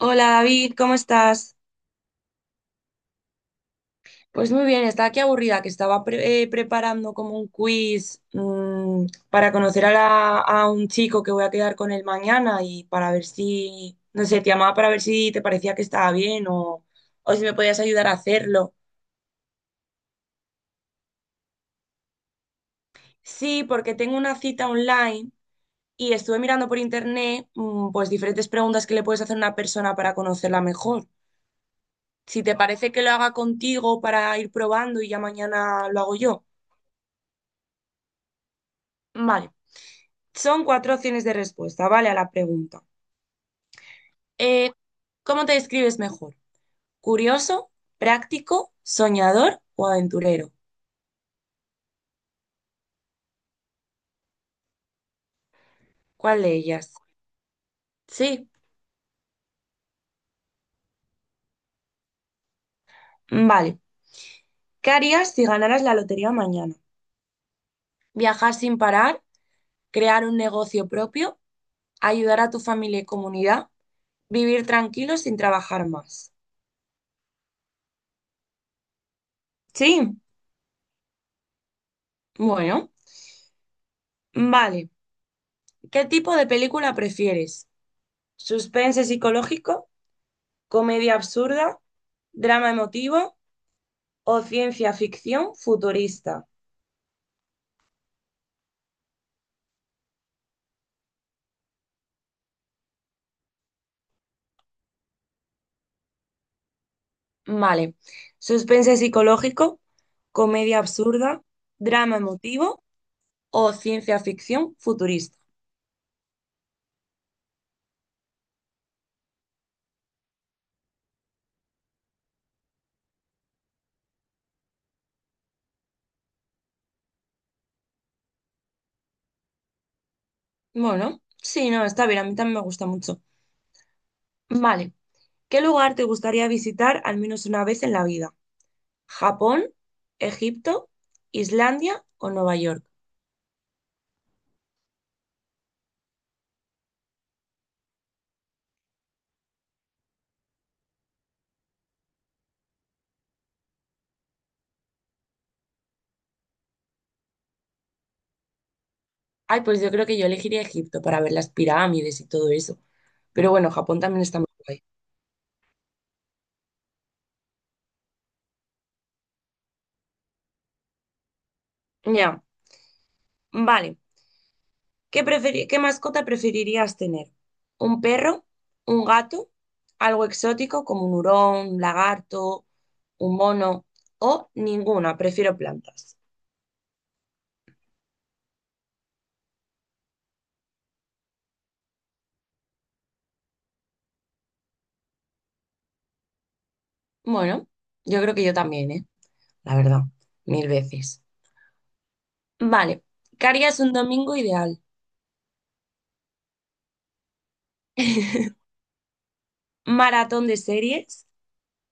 Hola David, ¿cómo estás? Pues muy bien, estaba aquí aburrida, que estaba preparando como un quiz, para conocer a un chico que voy a quedar con él mañana y para ver si, no sé, te llamaba para ver si te parecía que estaba bien o si me podías ayudar a hacerlo. Sí, porque tengo una cita online y estuve mirando por internet, pues diferentes preguntas que le puedes hacer a una persona para conocerla mejor. Si te parece que lo haga contigo para ir probando y ya mañana lo hago yo. Vale. Son cuatro opciones de respuesta, ¿vale? A la pregunta. Eh, ¿cómo te describes mejor? ¿Curioso, práctico, soñador o aventurero? ¿Cuál de ellas? Sí, vale. ¿Qué harías si ganaras la lotería mañana? ¿Viajar sin parar? ¿Crear un negocio propio? ¿Ayudar a tu familia y comunidad? ¿Vivir tranquilo sin trabajar más? Sí, bueno, vale. ¿Qué tipo de película prefieres? ¿Suspense psicológico? ¿Comedia absurda? ¿Drama emotivo? ¿O ciencia ficción futurista? Vale. Suspense psicológico, comedia absurda, drama emotivo o ciencia ficción futurista. Bueno, sí, no, está bien, a mí también me gusta mucho. Vale. ¿Qué lugar te gustaría visitar al menos una vez en la vida? ¿Japón, Egipto, Islandia o Nueva York? Ay, pues yo creo que yo elegiría Egipto para ver las pirámides y todo eso. Pero bueno, Japón también está muy guay. Ya, vale. ¿Qué mascota preferirías tener? ¿Un perro? ¿Un gato? ¿Algo exótico como un hurón, un lagarto, un mono? ¿O ninguna? Prefiero plantas. Bueno, yo creo que yo también, ¿eh? La verdad, mil veces. Vale, ¿qué harías un domingo ideal? Maratón de series,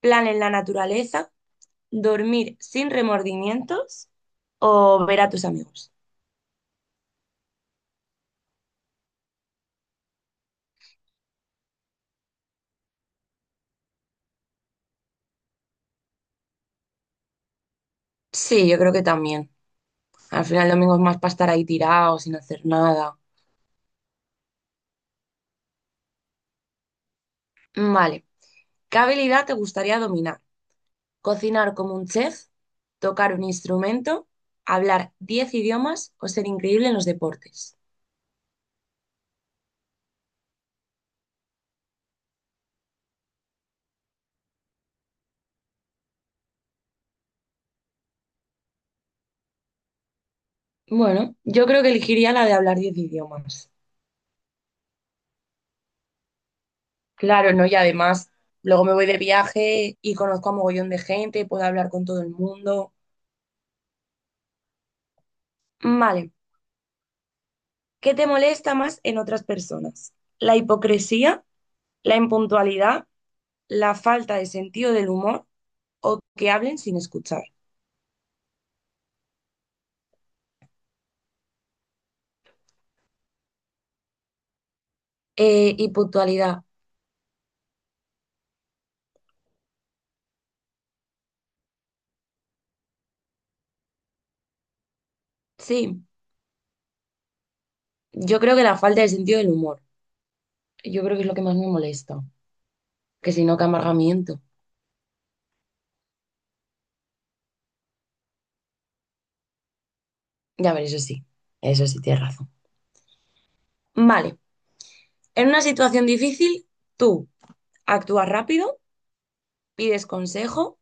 plan en la naturaleza, dormir sin remordimientos o ver a tus amigos. Sí, yo creo que también. Al final el domingo es más para estar ahí tirado, sin hacer nada. Vale. ¿Qué habilidad te gustaría dominar? ¿Cocinar como un chef? ¿Tocar un instrumento? ¿Hablar 10 idiomas o ser increíble en los deportes? Bueno, yo creo que elegiría la de hablar 10 idiomas. Claro, ¿no? Y además, luego me voy de viaje y conozco a mogollón de gente, puedo hablar con todo el mundo. Vale. ¿Qué te molesta más en otras personas? ¿La hipocresía? ¿La impuntualidad? ¿La falta de sentido del humor o que hablen sin escuchar? Y puntualidad. Sí, yo creo que la falta de sentido del humor. Yo creo que es lo que más me molesta. Que si no, que amargamiento. Ya ver, eso sí. Eso sí, tienes razón. Vale. En una situación difícil, tú actúas rápido, pides consejo,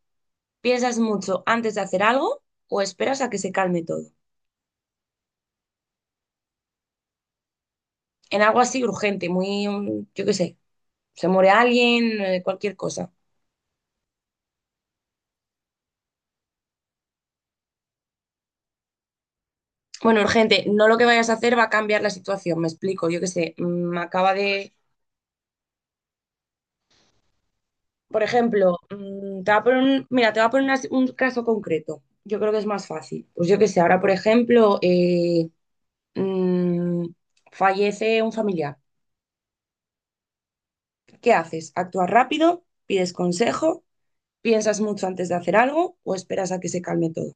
piensas mucho antes de hacer algo o esperas a que se calme todo. En algo así urgente, muy, yo qué sé, se muere alguien, cualquier cosa. Bueno, urgente, no lo que vayas a hacer va a cambiar la situación, me explico, yo qué sé, acaba de, por ejemplo, te va a poner un, mira, te va a poner una- si, un caso concreto, yo creo que es más fácil. Pues yo qué sé, ahora, por ejemplo, mm, fallece un familiar, ¿qué haces? ¿Actúas rápido? ¿Pides consejo? ¿Piensas mucho antes de hacer algo o esperas a que se calme todo?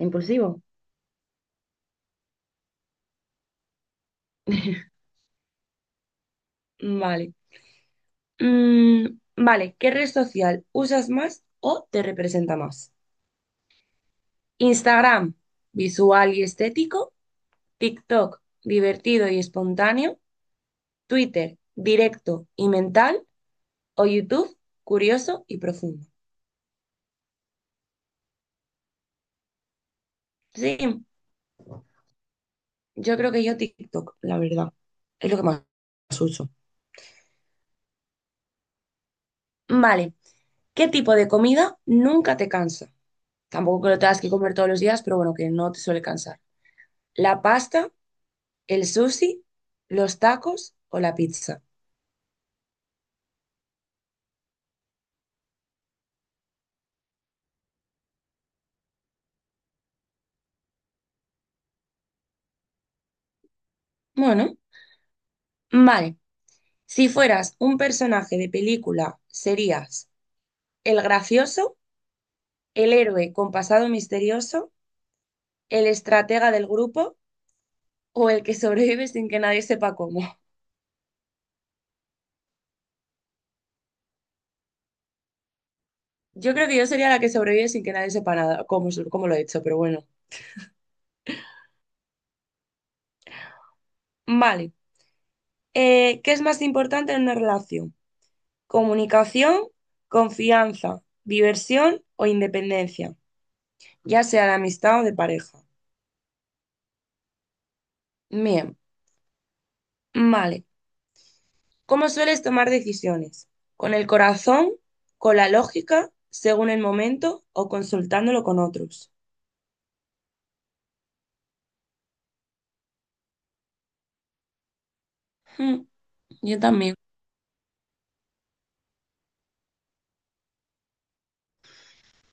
Impulsivo. Vale. Vale, ¿qué red social usas más o te representa más? Instagram, visual y estético. TikTok, divertido y espontáneo. Twitter, directo y mental. O YouTube, curioso y profundo. Sí, yo creo que yo TikTok, la verdad. Es lo que más uso. Vale. ¿Qué tipo de comida nunca te cansa? Tampoco que lo tengas que comer todos los días, pero bueno, que no te suele cansar. ¿La pasta, el sushi, los tacos o la pizza? Bueno, vale. Si fueras un personaje de película, serías el gracioso, el héroe con pasado misterioso, el estratega del grupo o el que sobrevive sin que nadie sepa cómo. Yo creo que yo sería la que sobrevive sin que nadie sepa nada, cómo lo he hecho, pero bueno. Vale. ¿Qué es más importante en una relación? ¿Comunicación, confianza, diversión o independencia? Ya sea de amistad o de pareja. Bien, vale. ¿Cómo sueles tomar decisiones? ¿Con el corazón? ¿Con la lógica? ¿Según el momento? ¿O consultándolo con otros? Hmm, yo también.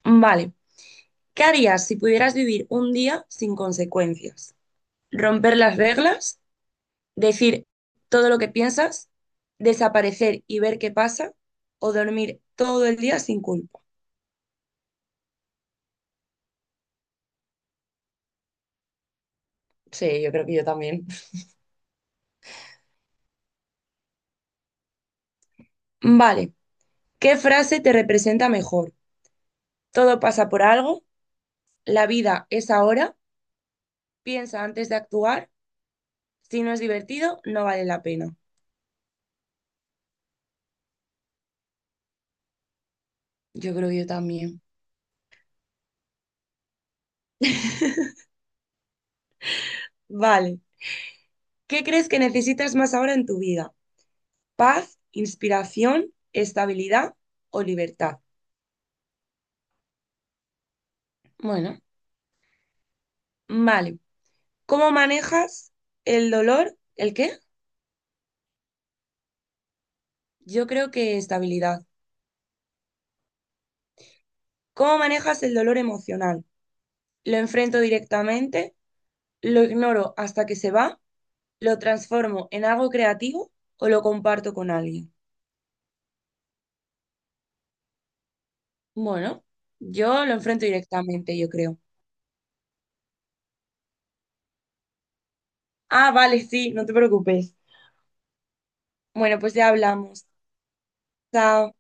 Vale. ¿Qué harías si pudieras vivir un día sin consecuencias? ¿Romper las reglas? ¿Decir todo lo que piensas? ¿Desaparecer y ver qué pasa? ¿O dormir todo el día sin culpa? Sí, yo creo que yo también. Vale. ¿Qué frase te representa mejor? ¿Todo pasa por algo? ¿La vida es ahora? ¿Piensa antes de actuar? Si no es divertido, no vale la pena. Yo creo que yo también. Vale. ¿Qué crees que necesitas más ahora en tu vida? ¿Paz, inspiración, estabilidad o libertad? Bueno, vale. ¿Cómo manejas el dolor? ¿El qué? Yo creo que estabilidad. ¿Cómo manejas el dolor emocional? ¿Lo enfrento directamente? ¿Lo ignoro hasta que se va? ¿Lo transformo en algo creativo o lo comparto con alguien? Bueno, yo lo enfrento directamente, yo creo. Ah, vale, sí, no te preocupes. Bueno, pues ya hablamos. Chao.